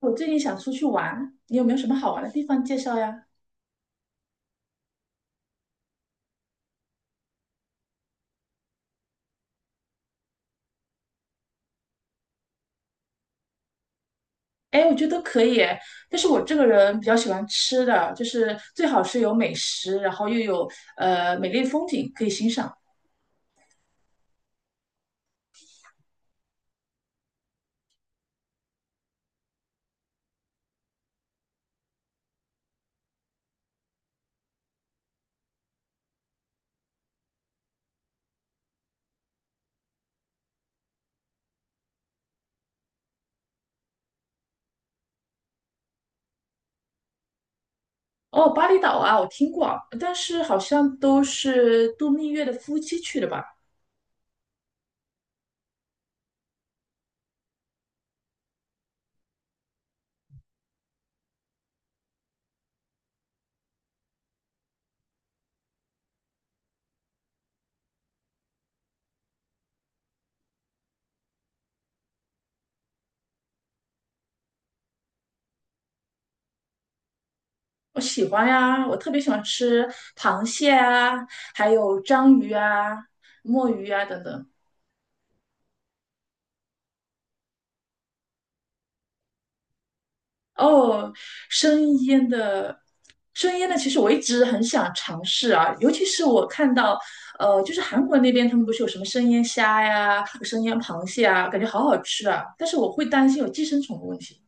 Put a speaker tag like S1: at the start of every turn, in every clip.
S1: 我最近想出去玩，你有没有什么好玩的地方介绍呀？哎，我觉得都可以诶，但是我这个人比较喜欢吃的，就是最好是有美食，然后又有美丽的风景可以欣赏。哦，巴厘岛啊，我听过，但是好像都是度蜜月的夫妻去的吧？我喜欢呀，我特别喜欢吃螃蟹啊，还有章鱼啊、墨鱼啊等等。哦，生腌的，生腌的，其实我一直很想尝试啊，尤其是我看到，就是韩国那边他们不是有什么生腌虾呀、生腌螃蟹啊，感觉好好吃啊，但是我会担心有寄生虫的问题。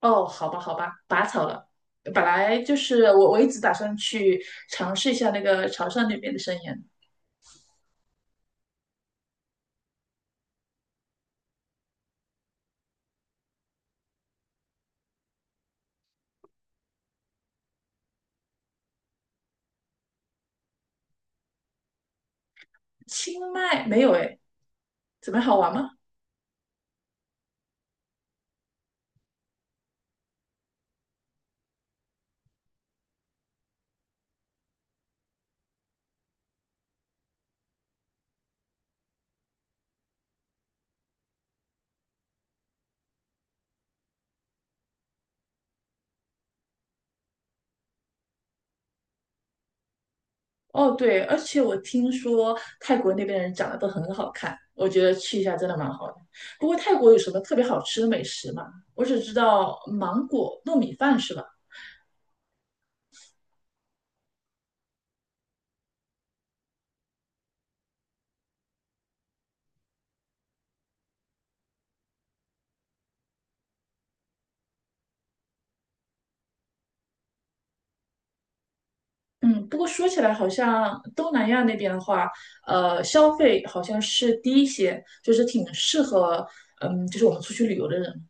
S1: 哦，好吧，好吧，拔草了。本来就是我一直打算去尝试一下那个潮汕那边的生腌。清迈没有诶，怎么样好玩吗？哦，对，而且我听说泰国那边的人长得都很好看，我觉得去一下真的蛮好的。不过泰国有什么特别好吃的美食吗？我只知道芒果糯米饭是吧？嗯，不过说起来好像东南亚那边的话，消费好像是低一些，就是挺适合，嗯，就是我们出去旅游的人。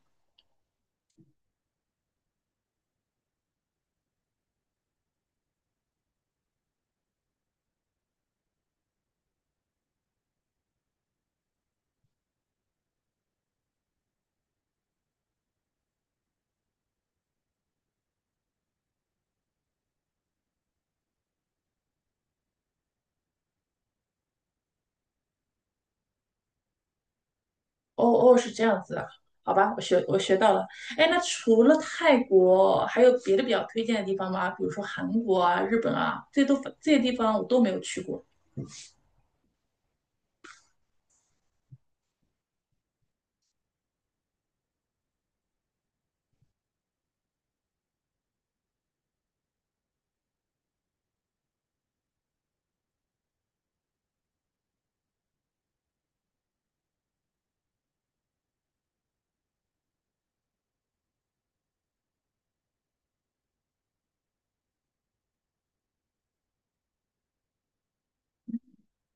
S1: 哦哦，是这样子的，好吧，我学我学到了。哎，那除了泰国，还有别的比较推荐的地方吗？比如说韩国啊、日本啊，这都这些地方我都没有去过。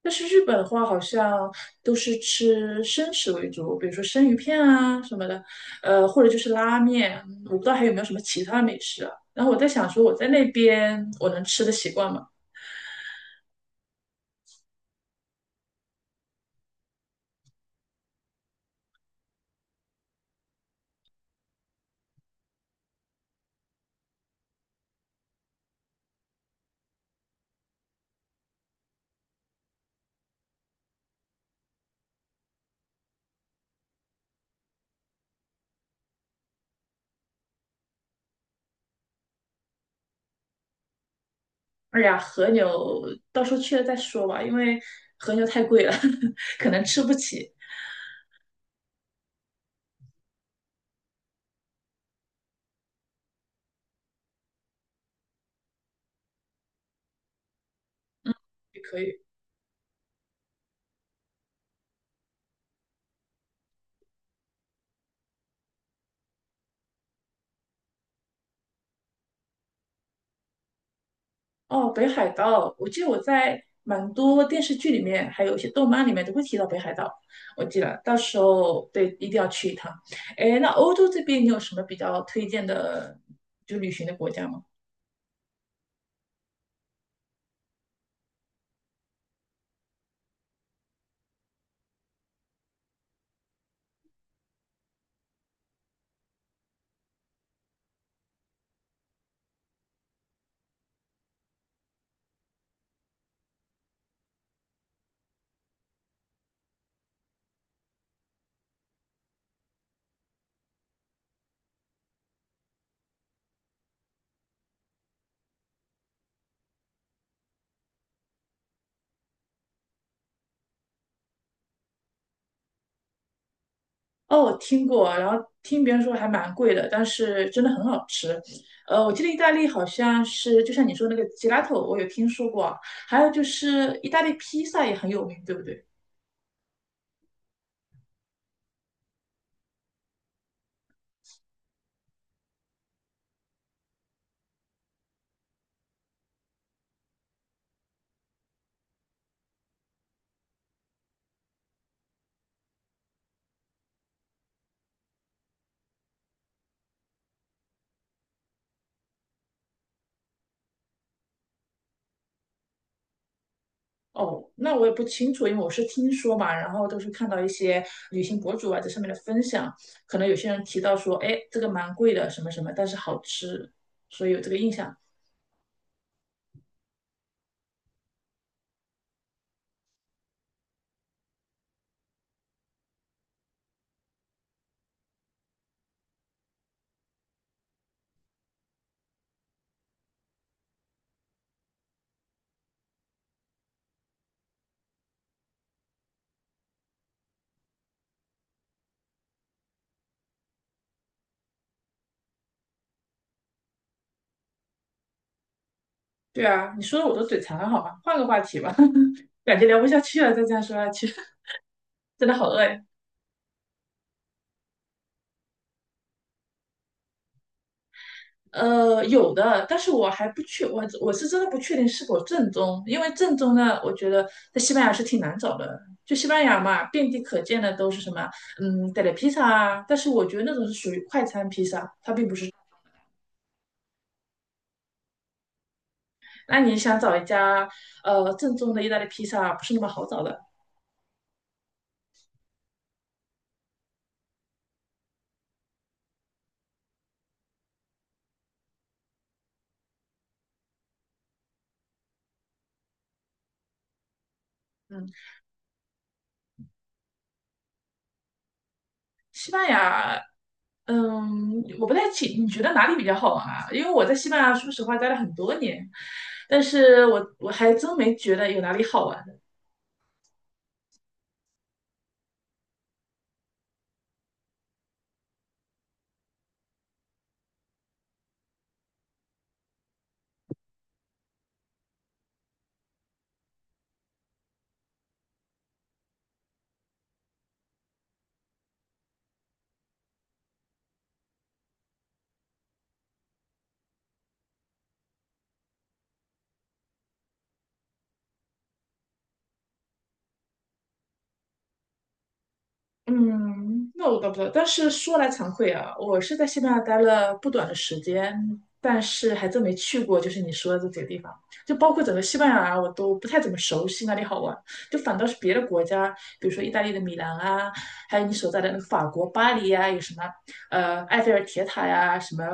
S1: 但是日本的话，好像都是吃生食为主，比如说生鱼片啊什么的，或者就是拉面。嗯，我不知道还有没有什么其他的美食啊。然后我在想说，我在那边我能吃得习惯吗？哎呀，和牛到时候去了再说吧，因为和牛太贵了，可能吃不起。也可以。哦，北海道，我记得我在蛮多电视剧里面，还有一些动漫里面都会提到北海道。我记得到时候对，一定要去一趟。哎，那欧洲这边你有什么比较推荐的，就旅行的国家吗？哦，我听过，然后听别人说还蛮贵的，但是真的很好吃。我记得意大利好像是，就像你说那个吉拉头，我有听说过啊，还有就是意大利披萨也很有名，对不对？哦，那我也不清楚，因为我是听说嘛，然后都是看到一些旅行博主啊在上面的分享，可能有些人提到说，哎，这个蛮贵的，什么什么，但是好吃，所以有这个印象。对啊，你说的我都嘴馋了，好吧，换个话题吧，感觉聊不下去了，再这样说下去，真的好饿呀。有的，但是我是真的不确定是否正宗，因为正宗呢，我觉得在西班牙是挺难找的。就西班牙嘛，遍地可见的都是什么，嗯，带点披萨啊，但是我觉得那种是属于快餐披萨。那你想找一家正宗的意大利披萨，不是那么好找的。嗯，西班牙，嗯，我不太清，你觉得哪里比较好玩啊？因为我在西班牙，说实话待了很多年，但是我还真没觉得有哪里好玩。嗯，那我倒不知道。但是说来惭愧啊，我是在西班牙待了不短的时间，但是还真没去过，就是你说的这几个地方，就包括整个西班牙啊，我都不太怎么熟悉哪里好玩。就反倒是别的国家，比如说意大利的米兰啊，还有你所在的那个法国巴黎呀、有什么埃菲尔铁塔呀、什么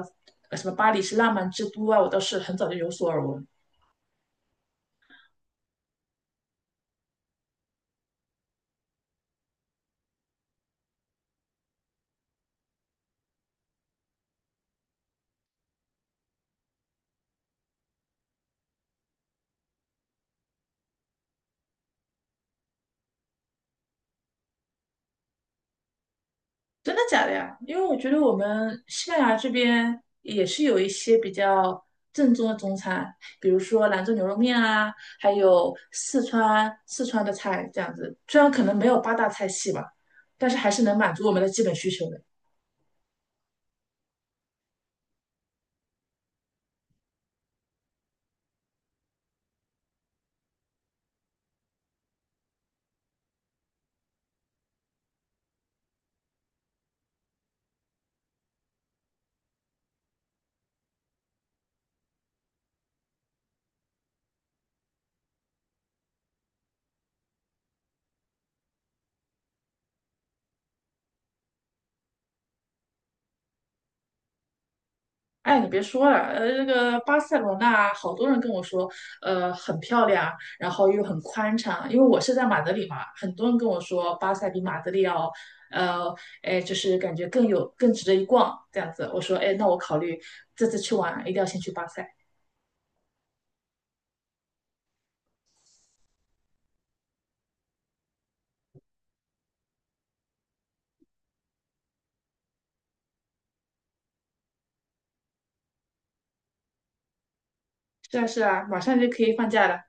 S1: 呃什么巴黎是浪漫之都啊，我倒是很早就有所耳闻。真的假的呀？因为我觉得我们西班牙这边也是有一些比较正宗的中餐，比如说兰州牛肉面啊，还有四川的菜这样子。虽然可能没有八大菜系吧，但是还是能满足我们的基本需求的。哎，你别说了，那个巴塞罗那好多人跟我说，很漂亮，然后又很宽敞，因为我是在马德里嘛，很多人跟我说巴塞比马德里要，呃，哎，就是感觉更有更值得一逛这样子。我说，哎，那我考虑这次去玩一定要先去巴塞。是啊，是啊，马上就可以放假了。